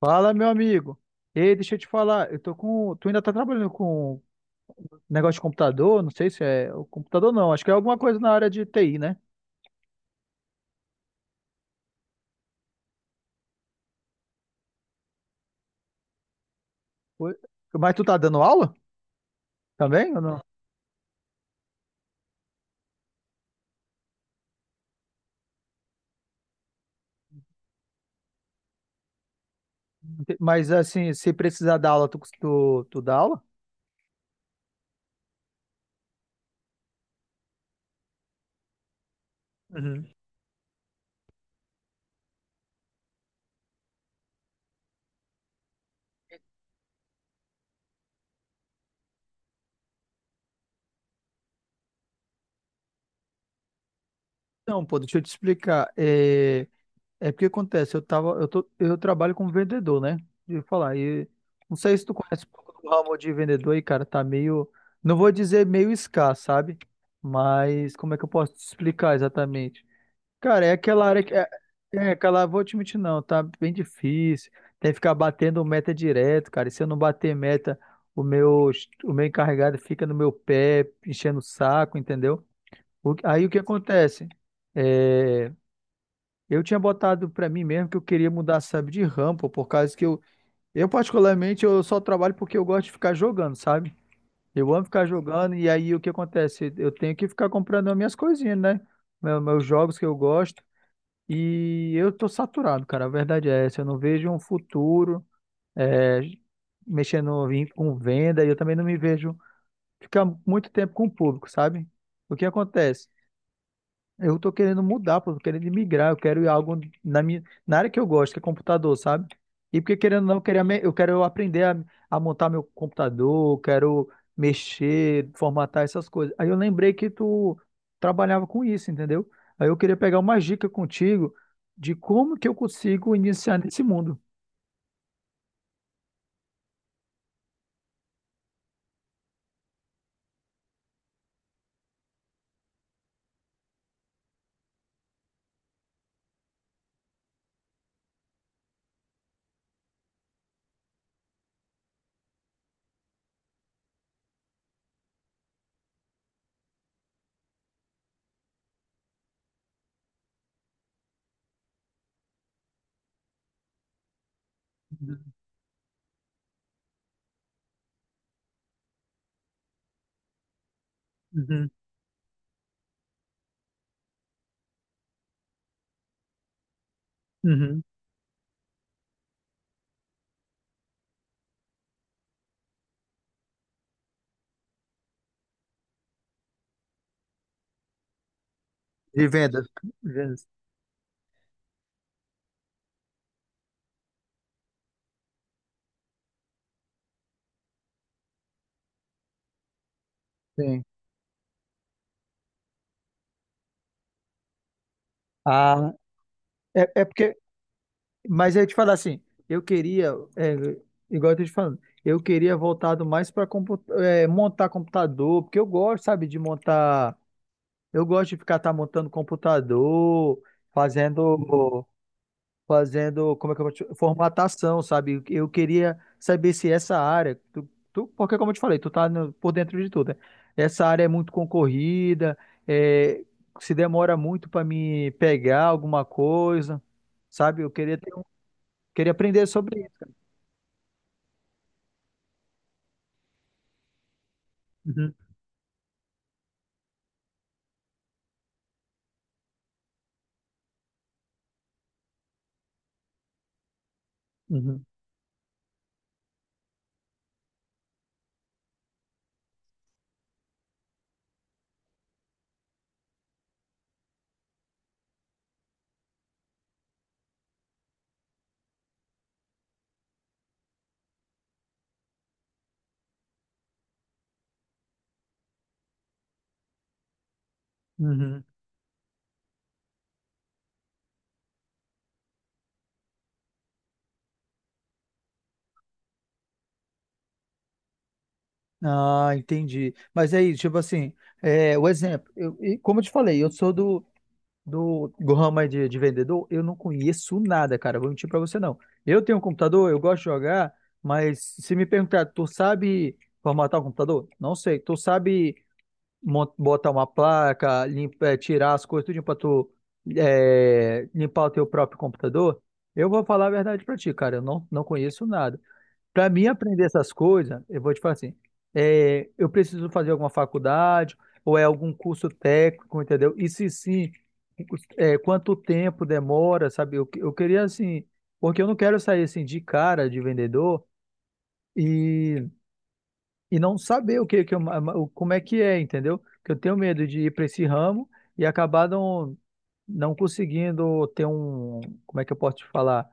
Fala, meu amigo. Ei, deixa eu te falar, tu ainda tá trabalhando com negócio de computador? Não sei se é o computador não, acho que é alguma coisa na área de TI, né? Oi? Mas tu tá dando aula também ou não? Mas assim, se precisar dar aula, tu dá aula? Uhum. Não, pô, deixa eu te explicar. É porque acontece, eu tava, eu tô, eu trabalho como vendedor, né? De falar, e não sei se tu conhece um pouco do ramo de vendedor aí, cara, tá meio, não vou dizer meio escasso, sabe? Mas como é que eu posso te explicar exatamente? Cara, é aquela área que é, é aquela, vou te mentir não, tá bem difícil. Tem que ficar batendo meta direto, cara. E se eu não bater meta, o meu, o meu encarregado fica no meu pé, enchendo o saco, entendeu? Aí o que acontece? É, eu tinha botado pra mim mesmo que eu queria mudar, sabe, de rampa, por causa que eu particularmente, eu só trabalho porque eu gosto de ficar jogando, sabe? Eu amo ficar jogando e aí o que acontece? Eu tenho que ficar comprando as minhas coisinhas, né? Meus jogos que eu gosto e eu tô saturado, cara. A verdade é essa. Eu não vejo um futuro é, mexendo com venda e eu também não me vejo ficar muito tempo com o público, sabe? O que acontece? Eu tô querendo mudar, pô, tô querendo migrar, eu quero ir algo na minha, na área que eu gosto, que é computador, sabe? E porque querendo ou não, eu quero aprender a montar meu computador, eu quero mexer, formatar essas coisas. Aí eu lembrei que tu trabalhava com isso, entendeu? Aí eu queria pegar uma dica contigo de como que eu consigo iniciar nesse mundo. Uhum, uhum. De vendas. Vendas. Sim. Ah, é, é porque. Mas eu ia te falar assim, eu queria, é, igual eu tô te falando, eu queria voltado mais para montar computador, porque eu gosto, sabe, de montar, eu gosto de ficar tá montando computador, fazendo, fazendo, como é que eu vou te, formatação, sabe? Eu queria saber se essa área, tu, porque como eu te falei, tu tá por dentro de tudo, né? Essa área é muito concorrida, é, se demora muito para me pegar alguma coisa, sabe? Eu queria ter. Queria aprender sobre isso, cara. Uhum, uhum, uhum. Ah, entendi. Mas aí, tipo assim, é, o exemplo, eu, e como eu te falei, eu sou do, do ramo aí de vendedor, eu não conheço nada, cara, vou mentir pra você não. Eu tenho um computador, eu gosto de jogar, mas se me perguntar, tu sabe formatar o computador? Não sei. Tu sabe botar uma placa, limpa, é, tirar as coisas, tudo pra tu é, limpar o teu próprio computador? Eu vou falar a verdade pra ti, cara, eu não, não conheço nada. Para mim aprender essas coisas, eu vou te falar assim, é, eu preciso fazer alguma faculdade ou é algum curso técnico, entendeu? E se sim, é, quanto tempo demora, sabe? Eu queria assim, porque eu não quero sair assim de cara de vendedor e, e não saber o que, que eu, como é que é, entendeu? Porque eu tenho medo de ir para esse ramo e acabar não, não conseguindo ter um, como é que eu posso te falar?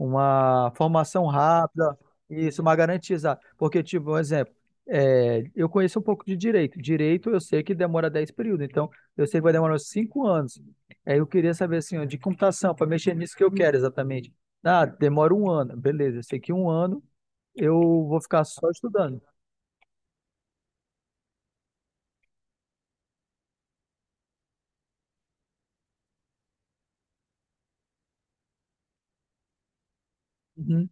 Uma formação rápida, isso, uma garantizada. Porque, tipo, um exemplo, é, eu conheço um pouco de direito. Direito eu sei que demora 10 períodos, então eu sei que vai demorar uns 5 anos. Aí eu queria saber, assim, ó, de computação, para mexer nisso que eu quero exatamente. Ah, demora um ano, beleza, eu sei que um ano eu vou ficar só estudando. Uhum,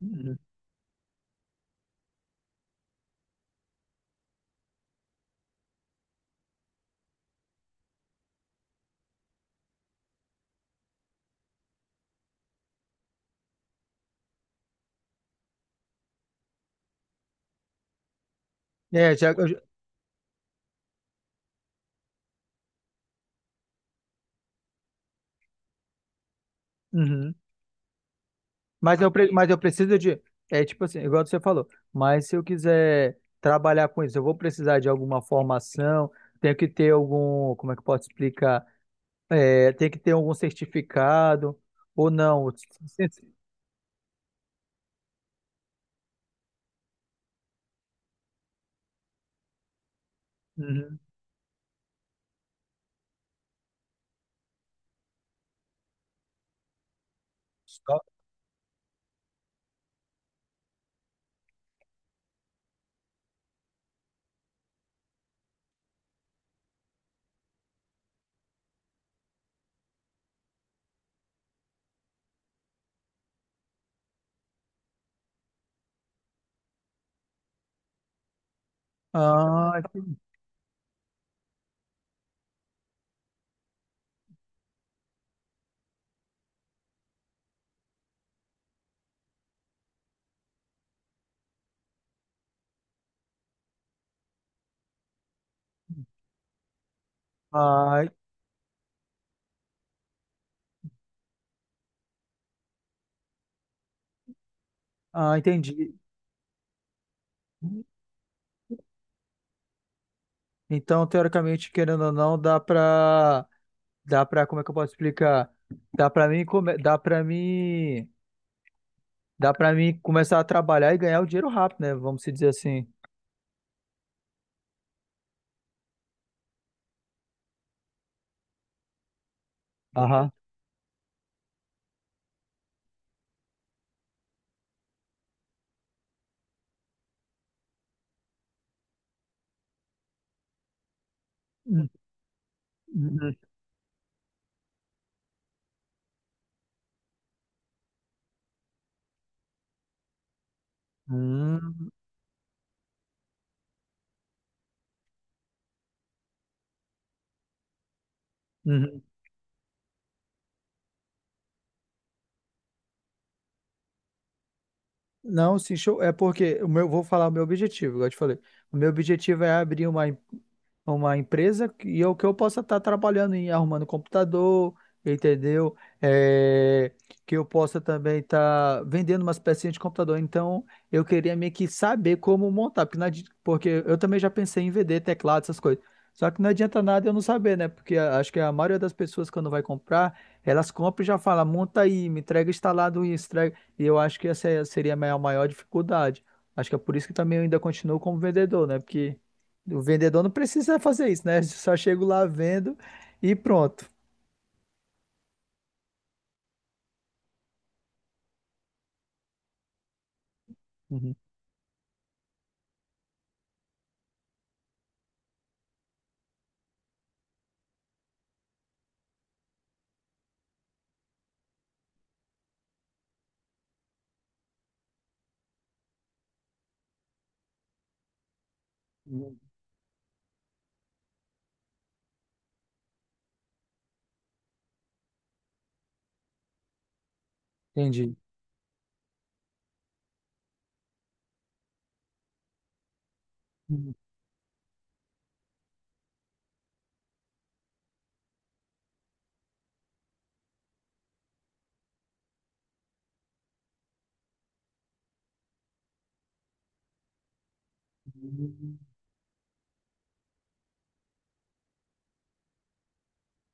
uhum. É, já, eu, já- uhum. Mas eu, mas eu preciso de. É tipo assim, igual você falou. Mas se eu quiser trabalhar com isso, eu vou precisar de alguma formação, tenho que ter algum. Como é que eu posso explicar? É, tem que ter algum certificado ou não? Uhum. Só- Ah, entendi. Ah, ah, entendi. Então, teoricamente, querendo ou não, dá pra. Dá pra. Como é que eu posso explicar? Dá pra mim. Dá pra mim. Dá pra mim começar a trabalhar e ganhar o dinheiro rápido, né? Vamos se dizer assim. Aham. Uhum. Uhum. Uhum. Não, sim, show. É porque o meu, vou falar o meu objetivo, igual eu te falei. O meu objetivo é abrir uma empresa e eu que eu possa estar trabalhando em arrumando computador, entendeu? É, que eu possa também estar vendendo umas pecinhas de computador. Então, eu queria meio que saber como montar, porque, não adi- porque eu também já pensei em vender teclado, essas coisas. Só que não adianta nada eu não saber, né? Porque acho que a maioria das pessoas quando vai comprar, elas compram e já fala, monta aí, me entrega instalado isso, entrega. E eu acho que seria a minha maior dificuldade. Acho que é por isso que também eu ainda continuo como vendedor, né? Porque o vendedor não precisa fazer isso, né? Só chego lá, vendo e pronto. Uhum. Entendi.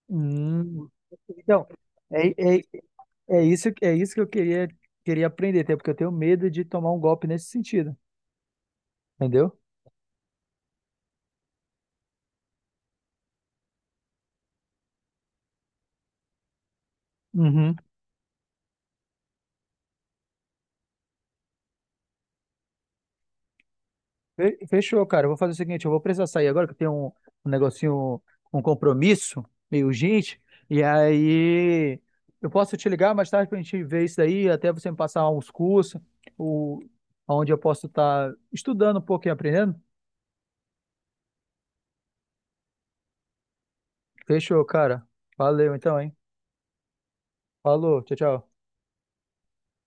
Hum. Então, é, é, é isso que eu queria, queria aprender, até porque eu tenho medo de tomar um golpe nesse sentido, entendeu? Uhum. Fechou, cara. Eu vou fazer o seguinte, eu vou precisar sair agora, que eu tenho um, um negocinho, um compromisso meio urgente. E aí eu posso te ligar mais tarde pra gente ver isso aí, até você me passar uns cursos, o, onde eu posso estar estudando um pouco e aprendendo. Fechou, cara. Valeu então, hein? Falou, tchau, tchau.